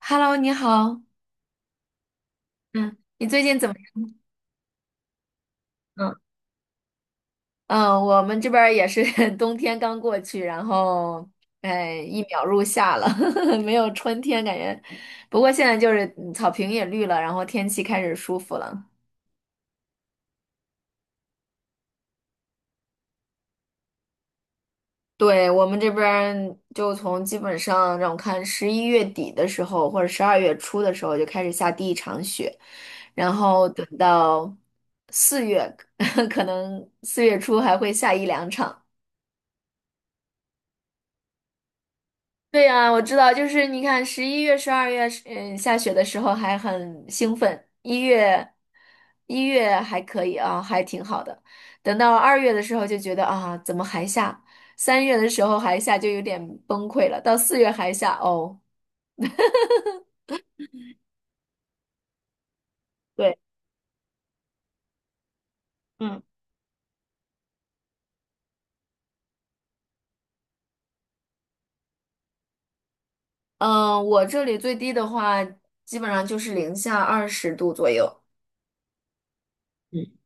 Hello，你好。嗯你最近怎么样？嗯，嗯我们这边儿也是 冬天刚过去，然后，哎，一秒入夏了，没有春天感觉。不过现在就是草坪也绿了，然后天气开始舒服了。对，我们这边儿就从基本上让我看十一月底的时候，或者十二月初的时候就开始下第一场雪，然后等到四月，可能四月初还会下一两场。对呀，我知道，就是你看十一月、十二月，嗯，下雪的时候还很兴奋，一月还可以啊，还挺好的。等到二月的时候就觉得啊，怎么还下？三月的时候还下就有点崩溃了，到四月还下哦。对。嗯，嗯，我这里最低的话，基本上就是零下二十度左右。嗯。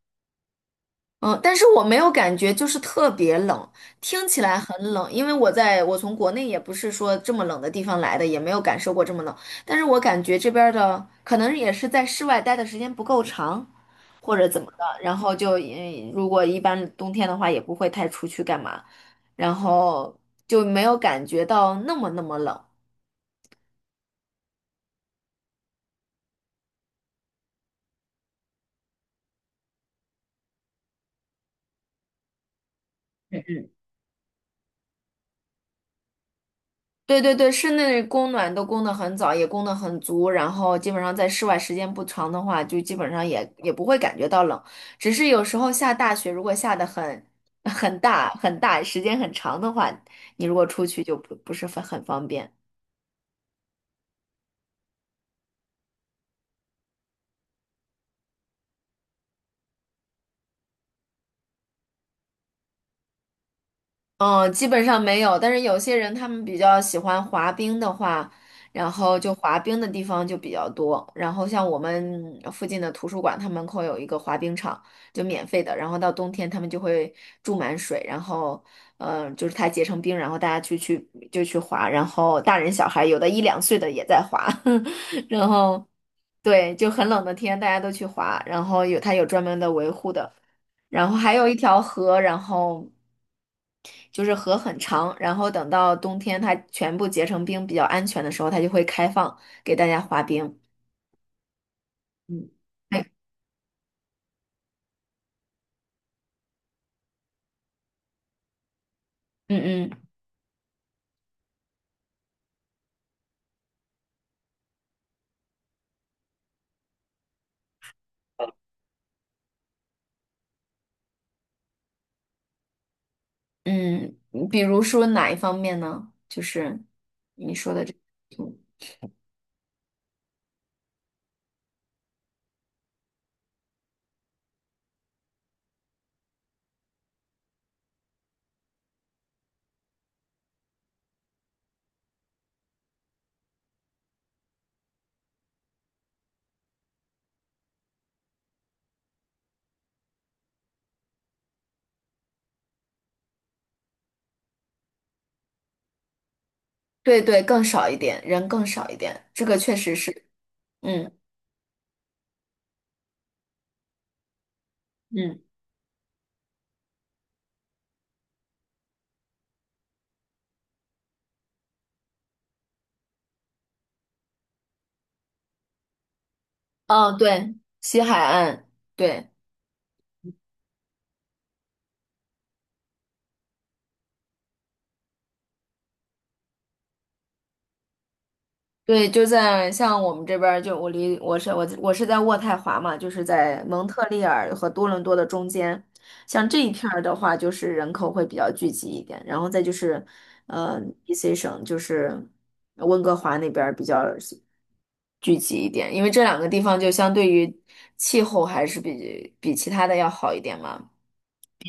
嗯，但是我没有感觉就是特别冷，听起来很冷，因为我从国内也不是说这么冷的地方来的，也没有感受过这么冷。但是我感觉这边儿的可能也是在室外待的时间不够长，或者怎么的，然后就如果一般冬天的话也不会太出去干嘛，然后就没有感觉到那么冷。嗯，对对对，室内供暖都供得很早，也供得很足，然后基本上在室外时间不长的话，就基本上也不会感觉到冷。只是有时候下大雪，如果下的很很大，时间很长的话，你如果出去就不是很方便。嗯，基本上没有，但是有些人他们比较喜欢滑冰的话，然后就滑冰的地方就比较多。然后像我们附近的图书馆，它门口有一个滑冰场，就免费的。然后到冬天他们就会注满水，然后就是它结成冰，然后大家去就去滑。然后大人小孩有的一两岁的也在滑，然后对，就很冷的天大家都去滑，然后有它有专门的维护的。然后还有一条河，然后就是河很长，然后等到冬天它全部结成冰比较安全的时候，它就会开放给大家滑冰。嗯，哎嗯嗯嗯比如说哪一方面呢？就是对对，更少一点，人更少一点，这个确实是，嗯嗯，哦对，西海岸，对。对，就在像我们这边儿，就我离我是我我是在渥太华嘛，就是在蒙特利尔和多伦多的中间。像这一片儿的话，就是人口会比较聚集一点，然后再就是，呃，BC 省就是温哥华那边儿比较聚集一点，因为这两个地方就相对于气候还是比其他的要好一点嘛。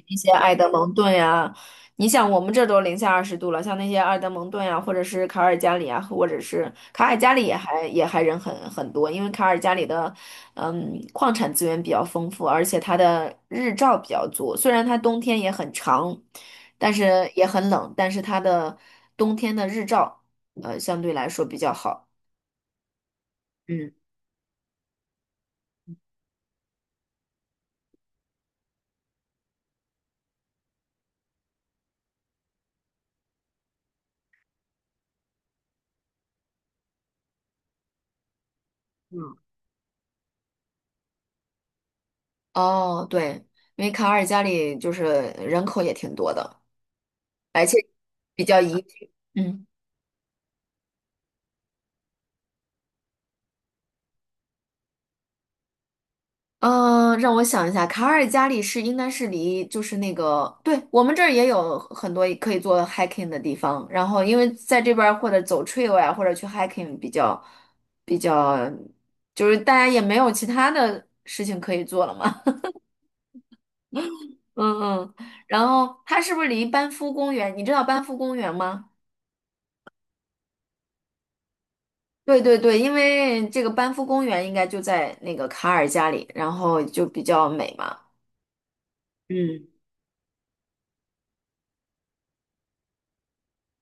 一些埃德蒙顿呀、你想我们这儿都零下二十度了，像那些埃德蒙顿呀、或者是卡尔加里啊，或者是卡尔加里也还人很多，因为卡尔加里的矿产资源比较丰富，而且它的日照比较足，虽然它冬天也很长，但是也很冷，但是它的冬天的日照相对来说比较好，嗯，哦对，因为卡尔加里就是人口也挺多的，而且比较宜居，嗯。嗯，让我想一下，卡尔加里是应该是离就是那个，对，我们这儿也有很多可以做 hiking 的地方，然后因为在这边儿或者走 trail 呀，或者去 hiking 比较比较，就是大家也没有其他的事情可以做了嘛，嗯嗯，然后它是不是离班夫公园？你知道班夫公园吗？对对对，因为这个班夫公园应该就在那个卡尔加里，然后就比较美嘛，嗯，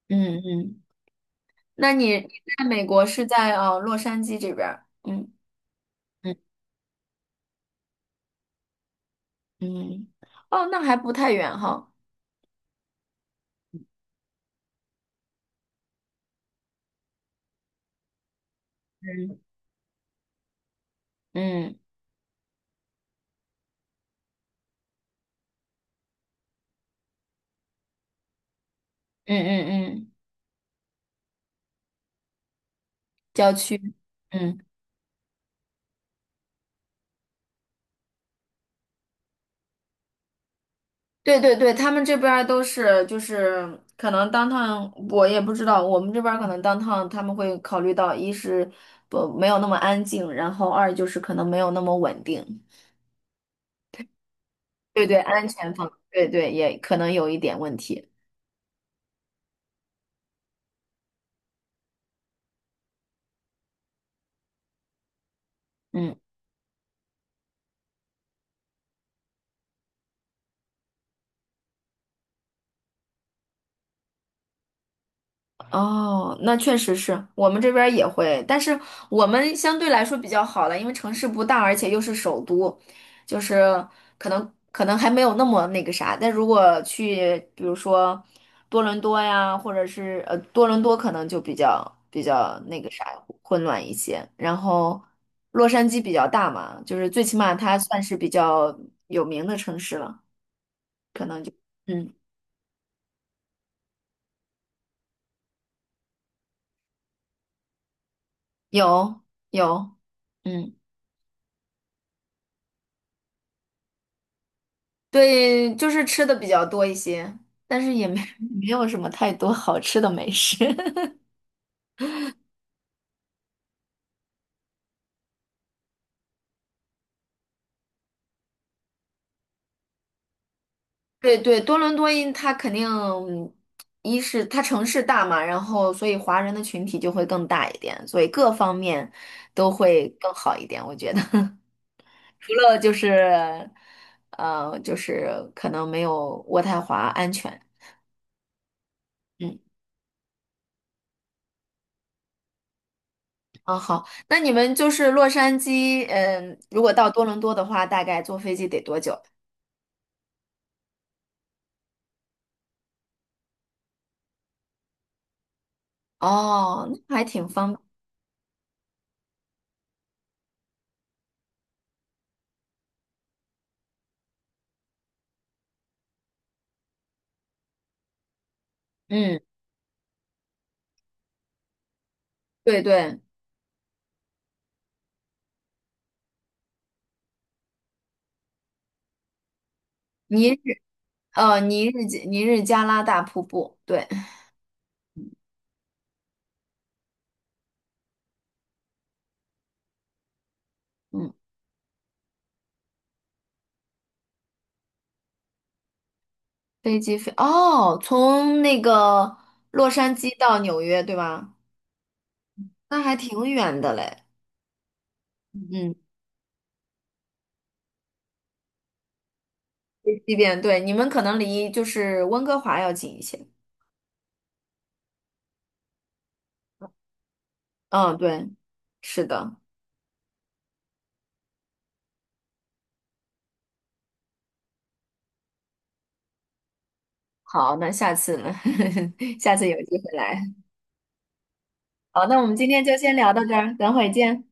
嗯嗯。那你在美国是在洛杉矶这边儿？嗯嗯嗯，哦，那还不太远哈。嗯嗯嗯嗯嗯，郊区。嗯，对对对，他们这边儿都是就是可能当趟我也不知道，我们这边儿可能当趟他们会考虑到一是不没有那么安静，然后二就是可能没有那么稳定。对对，安全方，对对，也可能有一点问题。嗯。哦，那确实是我们这边儿也会，但是我们相对来说比较好了，因为城市不大，而且又是首都，就是可能还没有那么那个啥。但如果去，比如说多伦多呀，或者是呃多伦多，可能就比较那个啥混乱一些。然后洛杉矶比较大嘛，就是最起码它算是比较有名的城市了。嗯，有有，嗯。对，就是吃的比较多一些，但是也没 没有什么太多好吃的美食。对对，多伦多因它肯定，一是它城市大嘛，然后所以华人的群体就会更大一点，所以各方面都会更好一点，我觉得。除了就是，就是可能没有渥太华安全。嗯，啊好，那你们就是洛杉矶，嗯，如果到多伦多的话，大概坐飞机得多久？哦，那还挺方便。嗯，对对，尼日尼日加拉大瀑布，对，嗯，飞机飞哦，从那个洛杉矶到纽约，对吧？那还挺远的嘞。嗯，飞机边对，你们可能离就是温哥华要近一些。嗯，对，是的。好，那下次呢？下次有机会来。好，那我们今天就先聊到这儿，等会儿见。